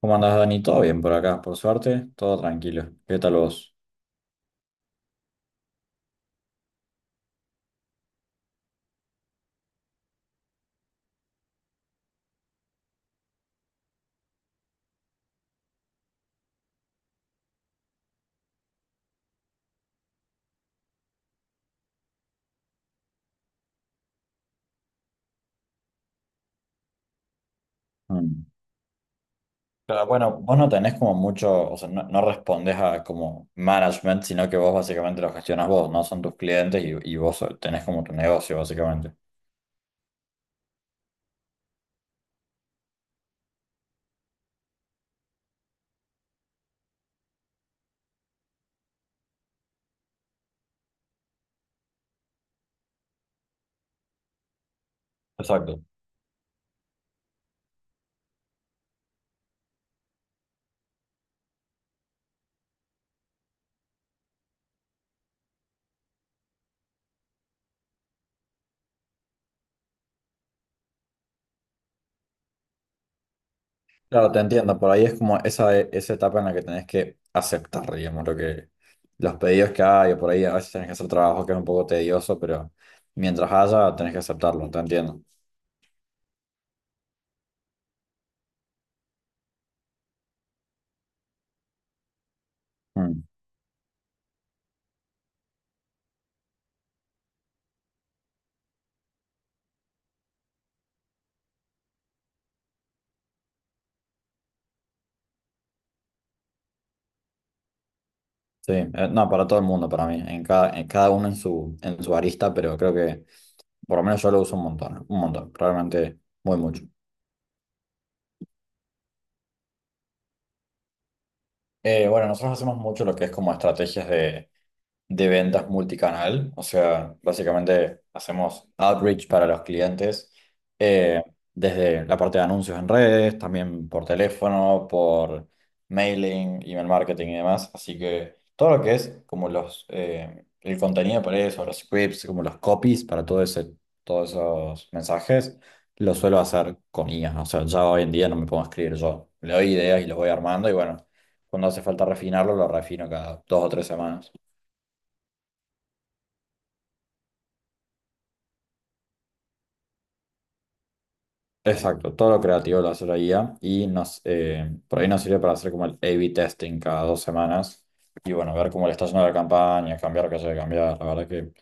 ¿Cómo andás, Dani? ¿Todo bien por acá? Por suerte, todo tranquilo. ¿Qué tal vos? Mm. Pero bueno, vos no tenés como mucho, o sea, no respondés a como management, sino que vos básicamente lo gestionas vos, ¿no? Son tus clientes y vos so, tenés como tu negocio, básicamente. Exacto. Claro, te entiendo. Por ahí es como esa etapa en la que tenés que aceptar, digamos, lo que, los pedidos que hay, o por ahí a veces tenés que hacer trabajo que es un poco tedioso, pero mientras haya, tenés que aceptarlo, te entiendo. Mm. Sí, no, para todo el mundo, para mí, en cada uno en su arista, pero creo que por lo menos yo lo uso un montón, realmente muy mucho. Bueno, nosotros hacemos mucho lo que es como estrategias de ventas multicanal, o sea, básicamente hacemos outreach para los clientes eh, desde la parte de anuncios en redes, también por teléfono, por mailing, email marketing y demás, así que todo lo que es como los el contenido para eso, los scripts, como los copies para todo ese, todos esos mensajes, lo suelo hacer con IA, o sea, ya hoy en día no me puedo escribir yo, le doy ideas y lo voy armando y bueno, cuando hace falta refinarlo, lo refino cada dos o tres semanas. Exacto, todo lo creativo lo hace la IA y nos, por ahí nos sirve para hacer como el A/B testing cada dos semanas y bueno, ver cómo le está yendo la campaña, cambiar lo que haya que cambiar. La verdad que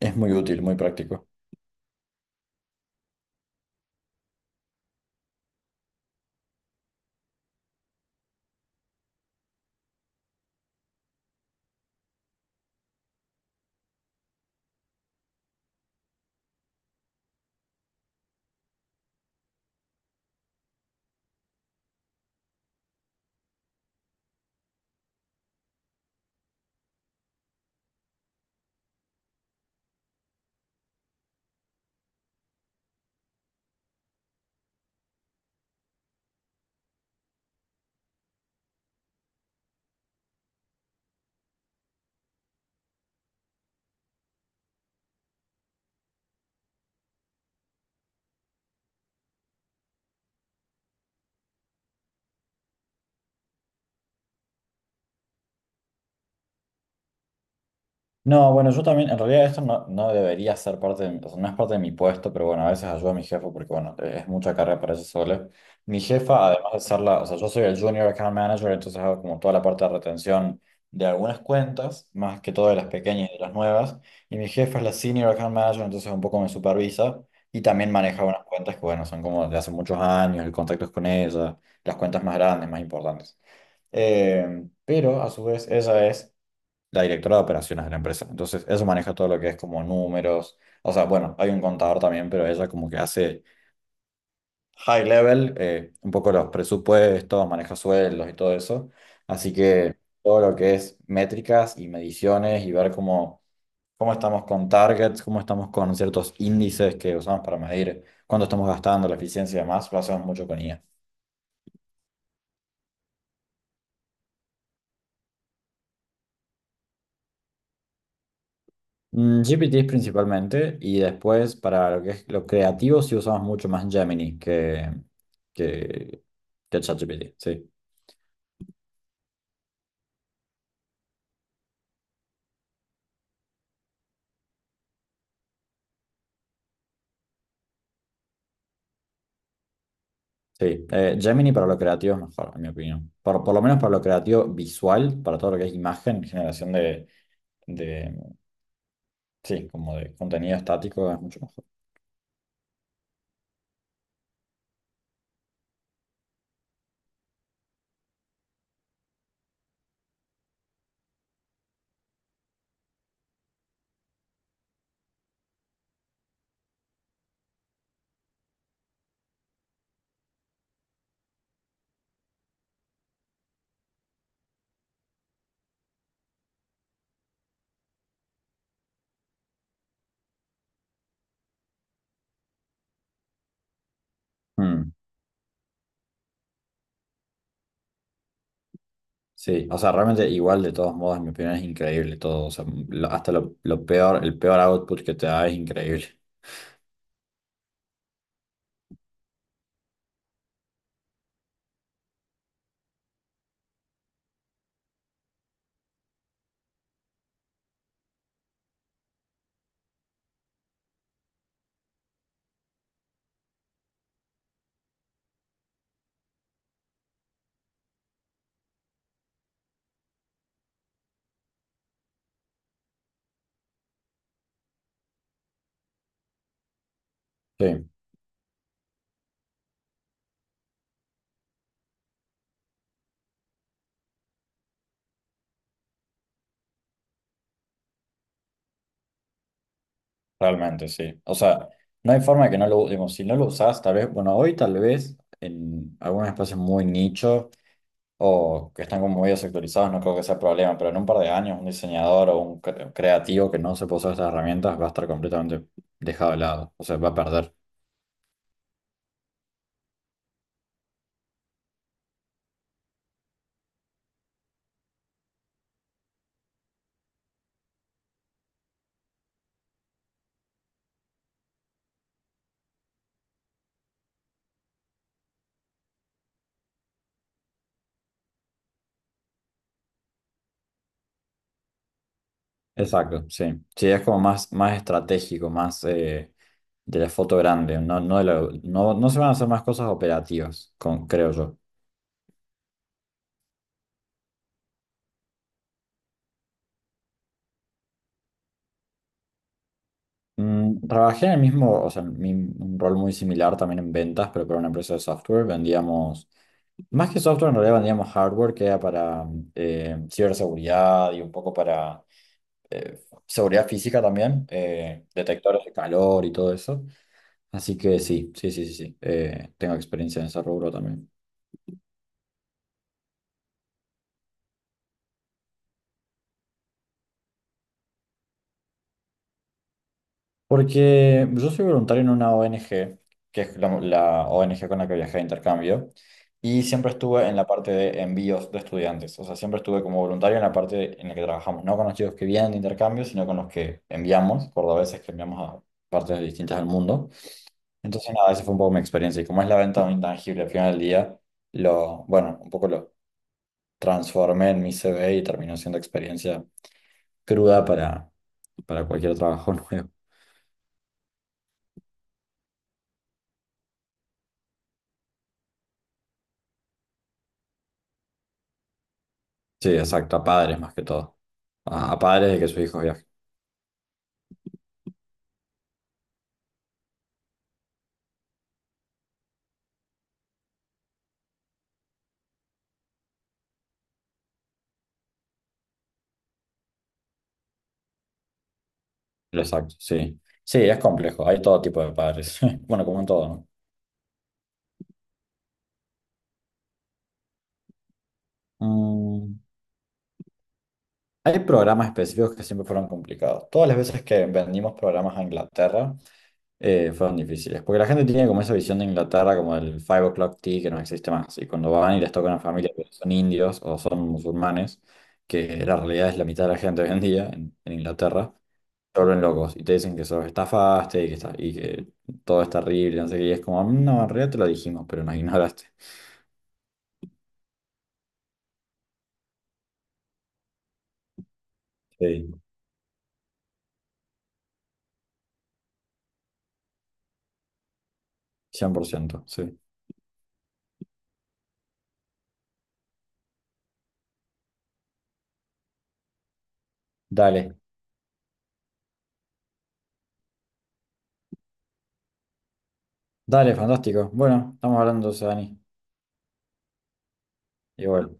es muy útil, muy práctico. No, bueno, yo también, en realidad esto no debería ser parte de, mi- o sea, no es parte de mi puesto, pero bueno, a veces ayudo a mi jefa porque, bueno, es mucha carrera para ella sola. Mi jefa, además de ser la, o sea, yo soy el Junior Account Manager, entonces hago como toda la parte de retención de algunas cuentas, más que todo de las pequeñas y de las nuevas, y mi jefa es la Senior Account Manager, entonces un poco me supervisa y también maneja unas cuentas que, bueno, son como de hace muchos años, el contacto es con ella, las cuentas más grandes, más importantes. Pero a su vez, ella es la directora de operaciones de la empresa. Entonces, eso maneja todo lo que es como números. O sea, bueno, hay un contador también, pero ella como que hace high level, un poco los presupuestos, maneja sueldos y todo eso. Así que todo lo que es métricas y mediciones y ver cómo, cómo estamos con targets, cómo estamos con ciertos índices que usamos para medir cuánto estamos gastando, la eficiencia y demás, lo hacemos mucho con IA. Mm, GPT principalmente y después para lo que es lo creativo sí usamos mucho más Gemini que, que ChatGPT, sí. Sí, Gemini para lo creativo es mejor, en mi opinión. Por lo menos para lo creativo visual, para todo lo que es imagen, generación de, sí, como de contenido estático es mucho mejor. Mm, sí, o sea, realmente igual de todos modos, en mi opinión es increíble todo. O sea, lo- hasta lo peor, el peor output que te da es increíble. Sí. Realmente, sí. O sea, no hay forma de que no lo usemos. Si no lo usás, tal vez, bueno, hoy tal vez en algunos espacios muy nicho o que están como muy sectorizados, no creo que sea problema, pero en un par de años un diseñador o un cre- creativo que no se puso estas herramientas va a estar completamente dejado de lado, o sea, va a perder. Exacto, sí. Sí, es como más, más estratégico, más de la foto grande, no, no, de la- no, no se van a hacer más cosas operativas, con, creo yo. Mm, trabajé en el mismo, o sea, en mi- un rol muy similar también en ventas, pero para una empresa de software. Vendíamos, más que software, en realidad vendíamos hardware que era para ciberseguridad y un poco para eh, seguridad física también, detectores de calor y todo eso. Así que sí, sí, sí, sí, sí. Tengo experiencia en ese rubro también. Porque yo soy voluntario en una ONG, que es la ONG con la que viajé de intercambio, y siempre estuve en la parte de envíos de estudiantes. O sea, siempre estuve como voluntario en la parte en la que trabajamos, no con los chicos que vienen de intercambio, sino con los que enviamos, cordobeses que enviamos a partes distintas del mundo. Entonces, nada, esa fue un poco mi experiencia. Y como es la venta de un intangible al final del día, lo, bueno, un poco lo transformé en mi CV y terminó siendo experiencia cruda para cualquier trabajo nuevo. Sí, exacto, a padres más que todo. A padres de que sus hijos viajen. Exacto, sí. Sí, es complejo, hay todo tipo de padres. Bueno, como en todo, ¿no? Mm, hay programas específicos que siempre fueron complicados. Todas las veces que vendimos programas a Inglaterra fueron difíciles, porque la gente tiene como esa visión de Inglaterra como el Five O'Clock Tea que no existe más. Y cuando van y les toca una familia que son indios o son musulmanes, que la realidad es la mitad de la gente hoy en día en Inglaterra. Vuelven locos y te dicen que sos estafaste y que, está, y que todo es terrible, no sé qué, y es como, "Mm, no, en realidad te lo dijimos, pero nos ignoraste". Sí, cien por ciento sí. Dale, fantástico. Bueno, estamos hablando, Dani. Igual.